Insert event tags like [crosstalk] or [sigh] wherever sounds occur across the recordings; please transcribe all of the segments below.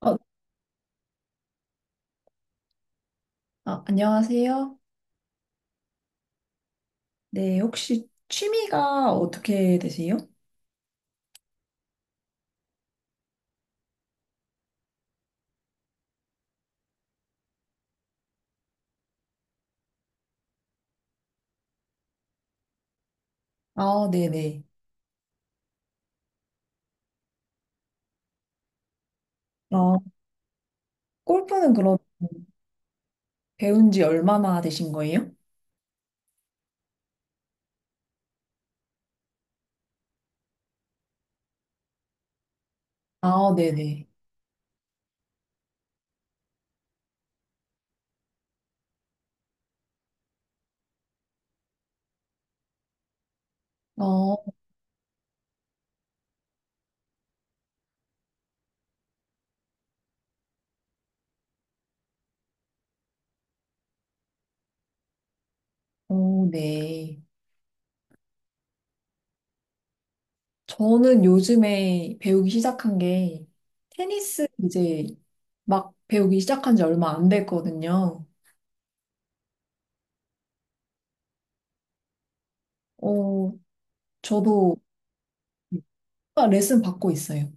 어, 아, 안녕하세요. 네, 혹시 취미가 어떻게 되세요? 아, 네네. 아, 골프는 그럼 배운 지 얼마나 되신 거예요? 아, 네네. 어, 어, 네. 저는 요즘에 배우기 시작한 게 테니스 이제 막 배우기 시작한 지 얼마 안 됐거든요. 어, 저도 레슨 받고 있어요.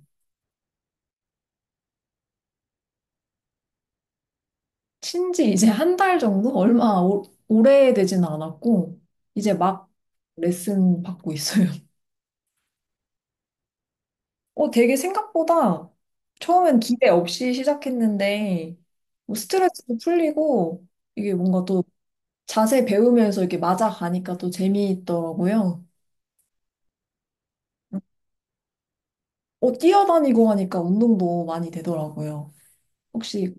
친지 이제 한 달 정도? 오래되진 않았고, 이제 막 레슨 받고 있어요. [laughs] 어, 되게 생각보다 처음엔 기대 없이 시작했는데, 뭐 스트레스도 풀리고, 이게 뭔가 또 자세 배우면서 이렇게 맞아가니까 또 재미있더라고요. 어, 뛰어다니고 하니까 운동도 많이 되더라고요. 혹시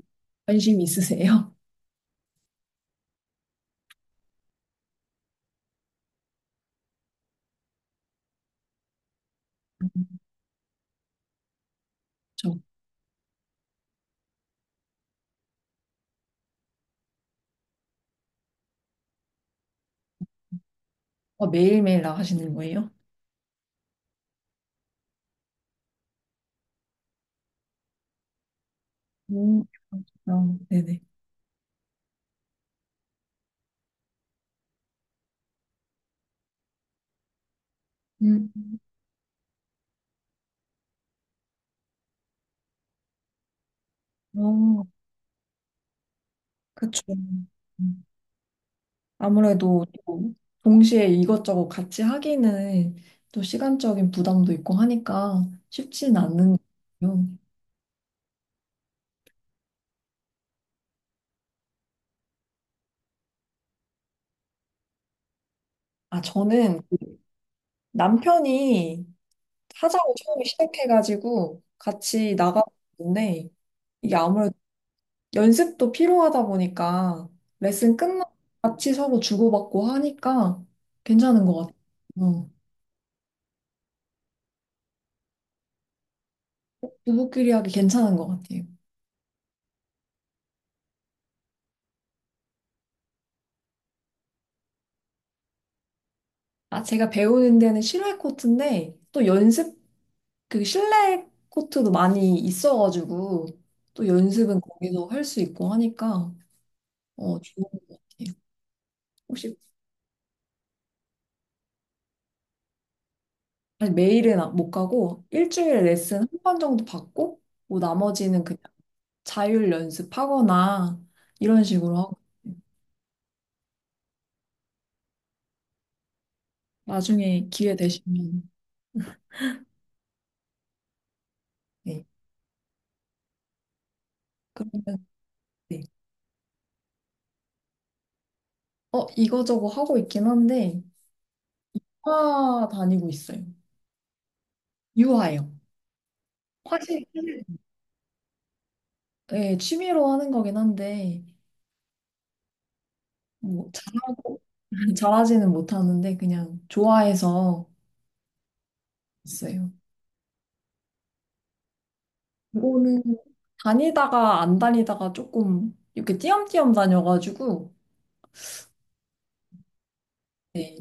관심 있으세요? [laughs] 저 매일매일 나가시는 거예요? 음, 어, 네네. 음, 음, 어. 그쵸. 음. 아무래도 또 동시에 이것저것 같이 하기는 또 시간적인 부담도 있고 하니까 쉽진 않는 거예요. 아, 저는 그 남편이 하자고 처음에 시작해가지고 같이 나가봤는데 이게 아무래도 연습도 필요하다 보니까 레슨 끝나고 같이 서로 주고받고 하니까 괜찮은 것 같아요. 어, 부부끼리 하기 괜찮은 것 같아요. 아, 제가 배우는 데는 실외 코트인데 또 연습 그 실내 코트도 많이 있어가지고 또 연습은 거기서 할 수 있고 하니까 좋은 것 같아요. 혹시 아니, 매일은 못 가고 일주일에 레슨 한 번 정도 받고 뭐 나머지는 그냥 자율 연습하거나 이런 식으로 하고 나중에 기회 되시면 네. 그러면 네어 이거저거 하고 있긴 한데 화 다니고 있어요. 유화요. 화실, 예, 취미로 하는 거긴 한데. 뭐 잘하고 [laughs] 잘하지는 못하는데 그냥 좋아해서 했어요. 이거는 다니다가 안 다니다가 조금 이렇게 띄엄띄엄 다녀가지고 네.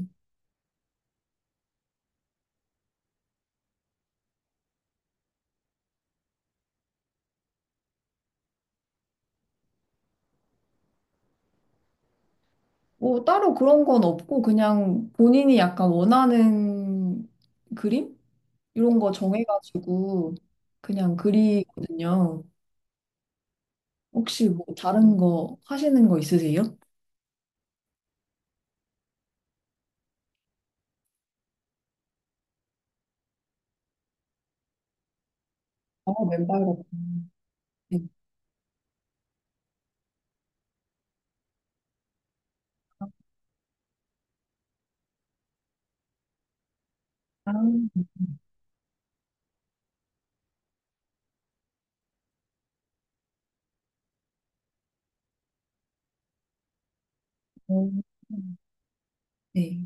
뭐 따로 그런 건 없고 그냥 본인이 약간 원하는 그림 이런 거 정해가지고 그냥 그리거든요. 혹시 뭐 다른 거 하시는 거 있으세요? 아, 맨발 같은. 네. 아, 음. 네.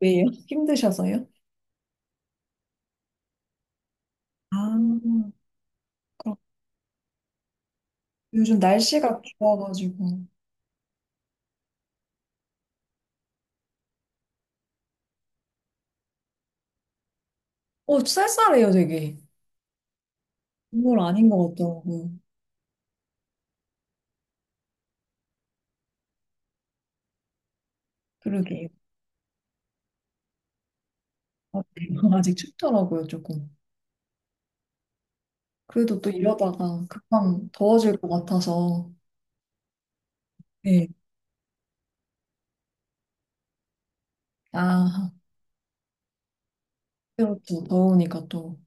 왜요? [laughs] 힘드셔서요? 아, 그렇 요즘 날씨가 좋아가지고 어, 쌀쌀해요, 되게. 건물 아닌 것 같더라고요. 그러게. 아, [laughs] 아직 춥더라고요, 조금. 그래도 또 이러다가 금방 더워질 것 같아서. 네. 아, 때로 또 더우니까 또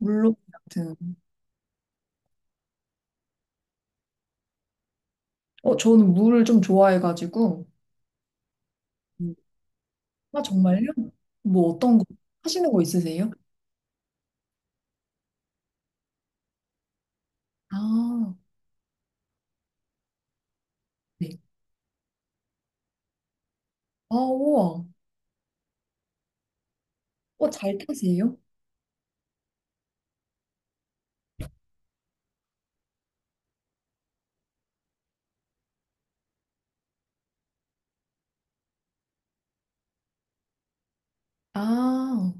물놀이 같은. 어, 저는 물을 좀 좋아해가지고. 음. 아, 정말요? 뭐 어떤 거 하시는 거 있으세요? 아, 네. 아, 우와. 어, 잘 타세요? 아,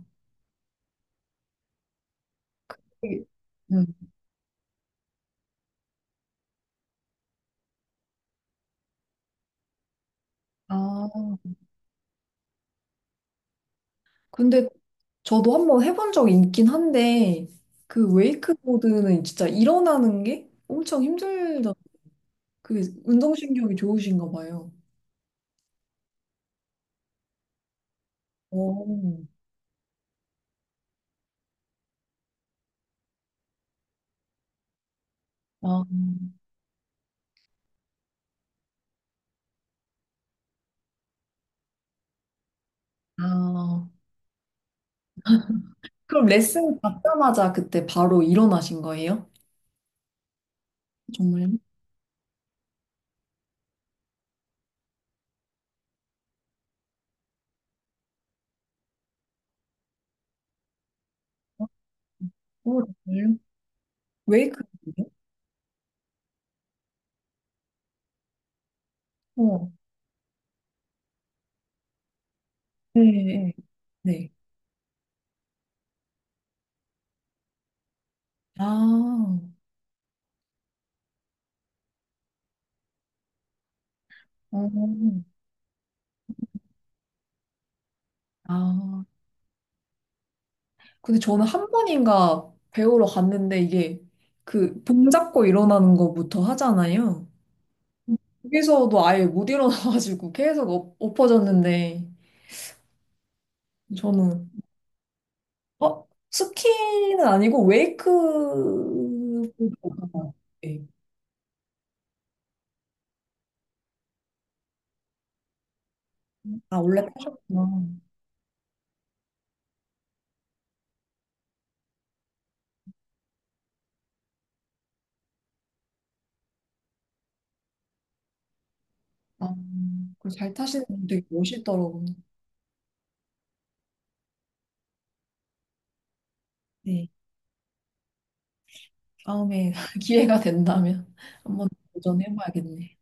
되게- 음. 아. 근데 저도 한번 해본 적이 있긴 한데, 그 웨이크보드는 진짜 일어나는 게 엄청 힘들다. 그게 운동신경이 좋으신가 봐요. 오, 아, 아. 그럼 레슨 받자마자 그때 바로 일어나신 거예요? 정말? 오, 정말요? 웨이크보드요? 어, 네, 네. 네. 아, 어, 아. 근데 저는 한 번인가 배우러 갔는데 이게 그 봉 잡고 일어나는 거부터 하잖아요. 거기서도 아예 못 일어나가지고 계속 엎어졌는데 저는 어? 스키는 아니고 웨이크. 네. 아, 원래 타셨구나. 아, 그걸 잘 타시는 분 되게 멋있더라고요. 네. 다음에 [laughs] 기회가 된다면 한번 도전해봐야겠네.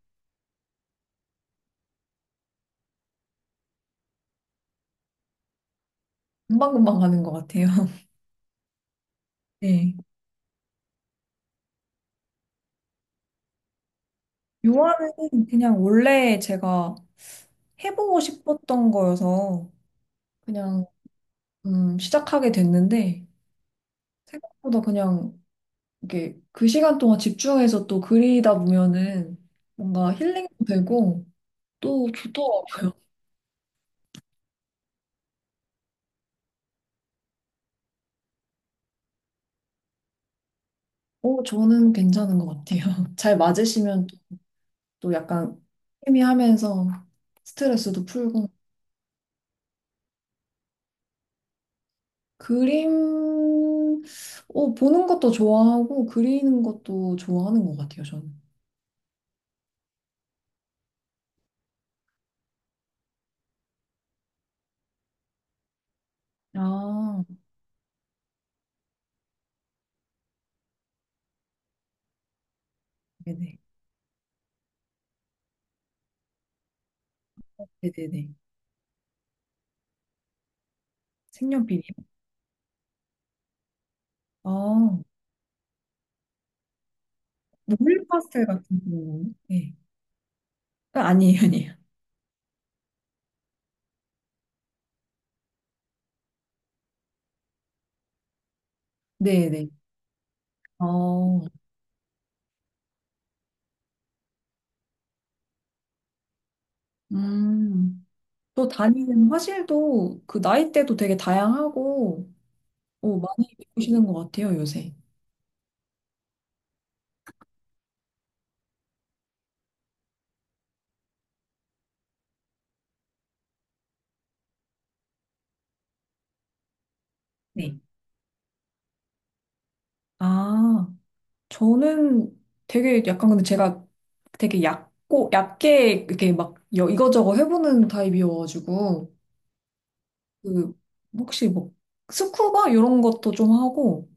금방금방 가는 것 같아요. [laughs] 네. 요한은 그냥 원래 제가 해보고 싶었던 거여서 그냥 시작하게 됐는데 생각보다 그냥 이게 그 시간 동안 집중해서 또 그리다 보면은 뭔가 힐링도 되고 또 좋더라고요. 어, 저는 괜찮은 것 같아요. [laughs] 잘 맞으시면 또또 약간 취미하면서 스트레스도 풀고 그림 보는 것도 좋아하고 그리는 것도 좋아하는 것 같아요, 저는. 아. 네네. 네네네. 색연필이요? 아, 노을 파스텔 같은 경우 네. 아, 아니에요, [laughs] 아니에요. 네네. 어, 음. 또 다니는 화실도 그 나이대도 되게 다양하고, 오, 많이 배우시는 것 같아요, 요새. 네. 아, 저는 되게 약간 근데 제가 되게 얕고, 얕게 이렇게 막 이거저거 해보는 타입이어가지고, 그, 혹시 뭐, 스쿠버? 이런 것도 좀 하고,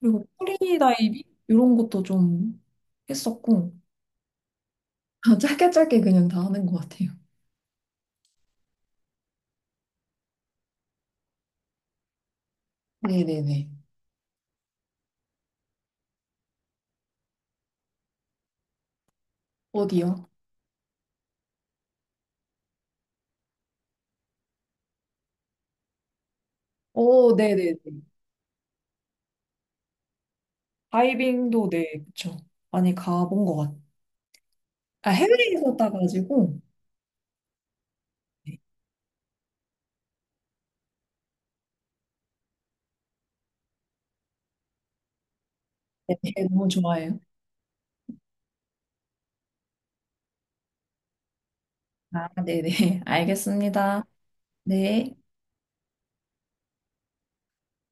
그리고 프리다이빙? 이런 것도 좀 했었고, [laughs] 짧게 짧게 그냥 다 하는 것 같아요. 네네네. 어디요? 오, 네네네. 다이빙도 네, 그쵸. 많이 가본 것 같아요. 아, 해외에서 따가지고, 네. 네, 너무 좋아해요. 아, 네네. [laughs] 알겠습니다. 네.